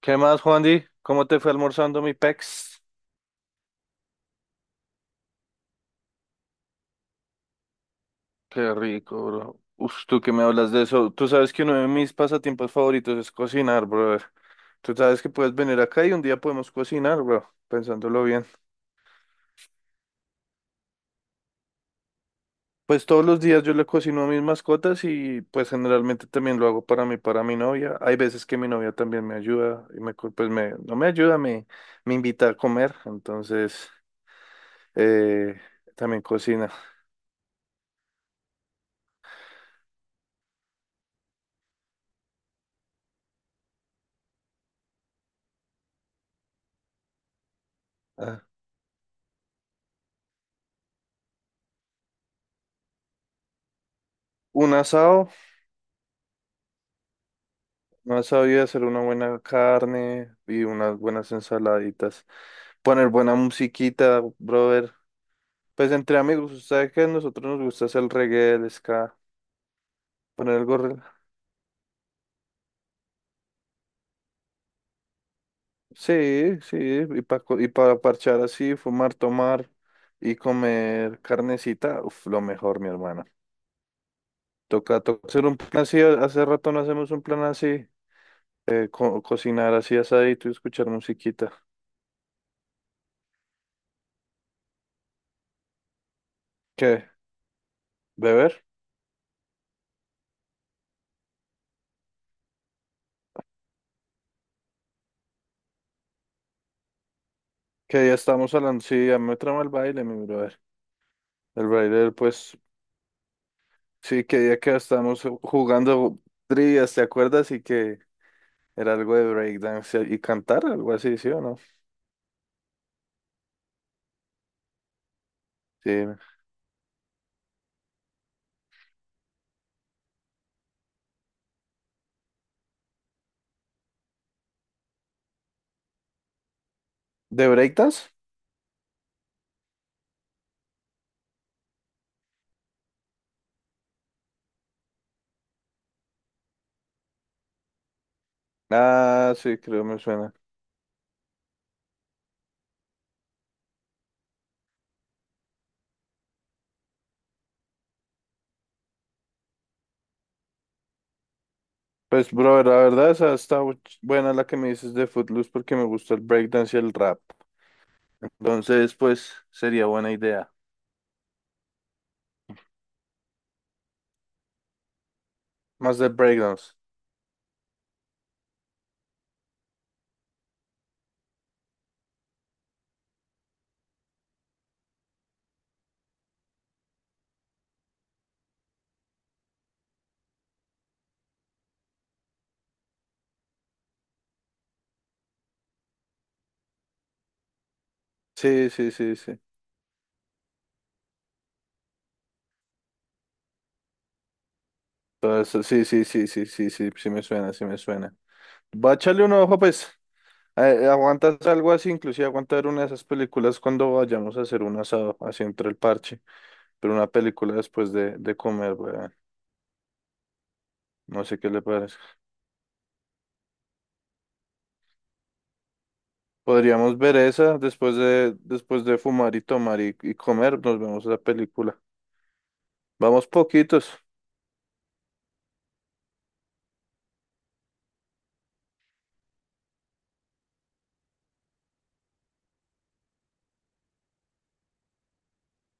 ¿Qué más, Juandi? ¿Cómo te fue almorzando mi pex? Qué rico, bro. Uf, tú que me hablas de eso. Tú sabes que uno de mis pasatiempos favoritos es cocinar, brother. Tú sabes que puedes venir acá y un día podemos cocinar, bro, pensándolo bien. Pues todos los días yo le cocino a mis mascotas y pues generalmente también lo hago para mí, para mi novia. Hay veces que mi novia también me ayuda y me, co- pues me, no me ayuda, me invita a comer. Entonces, eh, también cocina. Ah, un asado. No sabía hacer una buena carne y unas buenas ensaladitas. Poner buena musiquita, brother. Pues entre amigos, usted que a nosotros nos gusta hacer el reggae, el ska, poner algo. Sí, sí, y para parchar así, fumar, tomar y comer carnecita, uf, lo mejor, mi hermana. Toca, toca hacer un plan así, hace rato no hacemos un plan así, cocinar así asadito y escuchar musiquita. ¿Qué? ¿Beber? Que ya estamos hablando, sí, a mí me trama el baile, mi brother. El Raider, pues sí, que día que estábamos jugando trivias, ¿te acuerdas? Y que era algo de breakdance y cantar, algo así, ¿sí o no? Sí. ¿De breakdance? Ah, sí, creo me suena. Pues, brother, la verdad, esa está buena la que me dices de Footloose porque me gusta el breakdance y el rap. Entonces, pues, sería buena idea. Más de breakdance. Sí, sí, sí, sí. Todo eso, sí, sí, sí, sí, sí, sí, sí me suena, sí me suena. Va a echarle un ojo, pues. ¿Aguantas algo así? Inclusive aguantar una de esas películas cuando vayamos a hacer un asado, así entre el parche, pero una película después de comer, weón. No sé qué le parece. Podríamos ver esa después de fumar y tomar y comer, nos vemos la película. Vamos poquitos.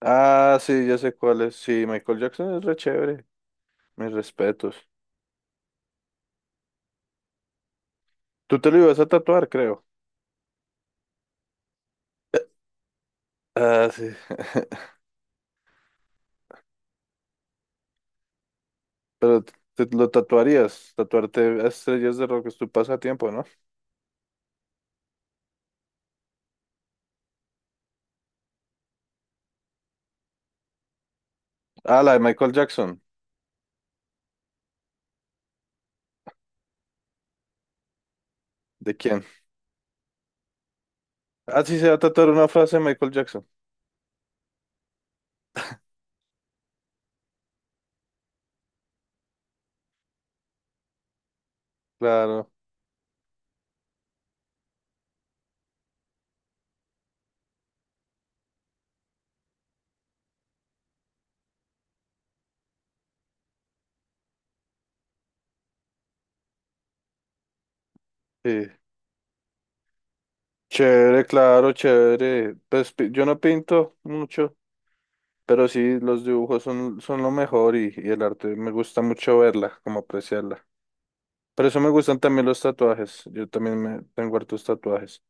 Ah, sí, ya sé cuál es. Sí, Michael Jackson es re chévere. Mis respetos. Tú te lo ibas a tatuar, creo. Ah, sí. Pero lo tatuarías. Tatuarte a estrellas de rock es tu pasatiempo, ¿no? Ah, la de Michael Jackson. ¿De quién? Así se va a tratar una frase de Michael Jackson. Claro, sí. Chévere, claro, chévere. Yo no pinto mucho, pero sí, los dibujos son, son lo mejor y el arte. Me gusta mucho verla, como apreciarla. Por eso me gustan también los tatuajes. Yo también me tengo hartos tatuajes.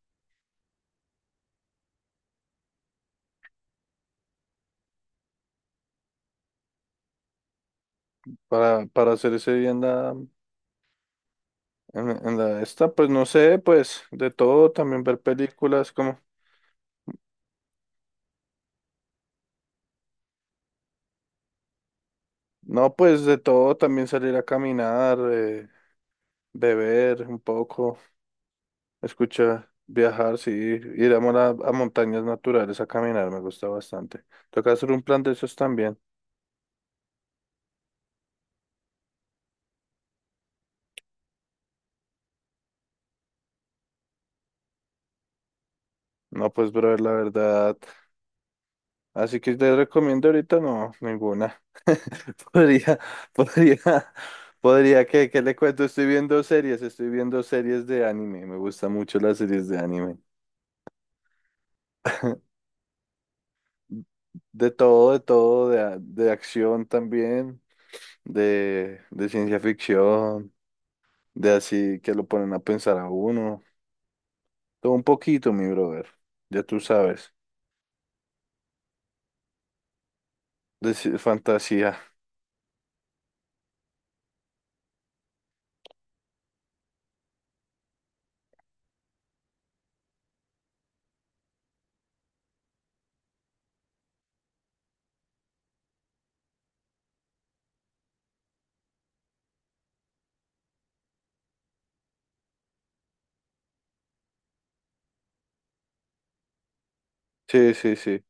Para hacer ese día en la esta, pues no sé, pues de todo, también ver películas, como, no, pues de todo, también salir a caminar, beber un poco. Escucha, viajar, sí, ir a, a montañas naturales a caminar me gusta bastante. Toca hacer un plan de esos también. No, pues, brother, la verdad. Así que te recomiendo ahorita no, ninguna. Podría, podría, ¿Qué le cuento? Estoy viendo series de anime. Me gustan mucho las series de anime. De todo, de todo, de acción también, de ciencia ficción, de así que lo ponen a pensar a uno. Todo un poquito, mi brother. Ya tú sabes. De fantasía. Sí, sí, sí.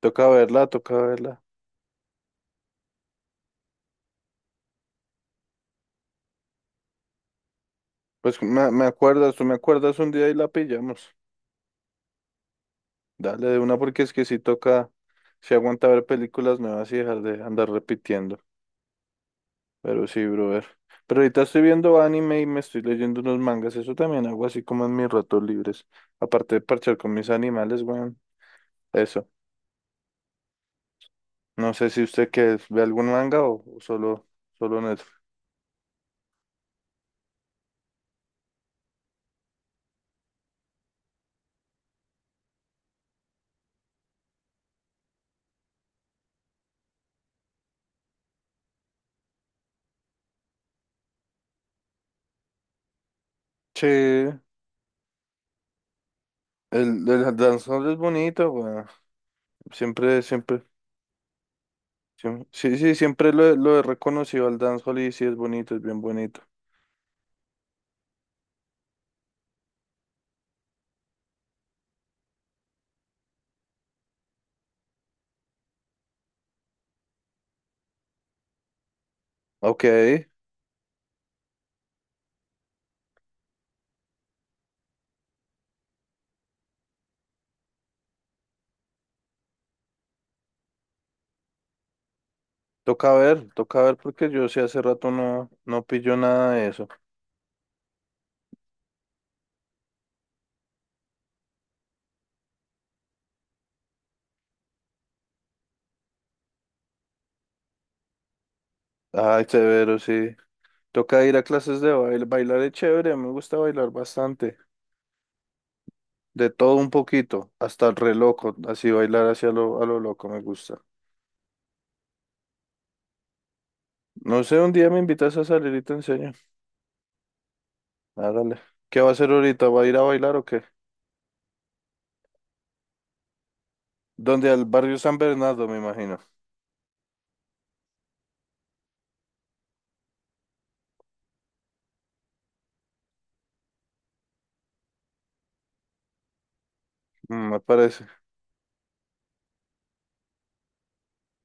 Toca verla, toca verla. Pues me acuerdas, tú me acuerdas un día y la pillamos. Dale de una porque es que sí toca, sí aguanta ver películas nuevas y dejar de andar repitiendo. Pero sí, brother. Pero ahorita estoy viendo anime y me estoy leyendo unos mangas. Eso también hago así como en mis ratos libres. Aparte de parchar con mis animales, weón. Eso. No sé si usted que ve algún manga o solo, solo Netflix. Sí. El Danzón es bonito, weón. Siempre, siempre, sí, sí, siempre lo he reconocido al dancehall y sí es bonito, es bien bonito. Ok, toca ver porque yo sí hace rato no, no pillo nada de eso. Ay, severo, sí. Toca ir a clases de baile. Bailar es chévere, me gusta bailar bastante. De todo un poquito, hasta el re loco, así bailar hacia lo, a lo loco me gusta. No sé, un día me invitas a salir y te enseño. Hágale. ¿Qué va a hacer ahorita? ¿Va a ir a bailar o qué? Donde al barrio San Bernardo, me imagino. Mm, me parece.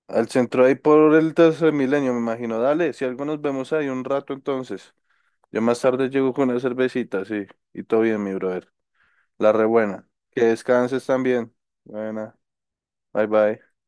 Al centro ahí por el tercer milenio, me imagino. Dale, si algo nos vemos ahí un rato entonces. Yo más tarde llego con una cervecita, sí. Y todo bien, mi brother. La rebuena. Que descanses también. Buena. Bye bye.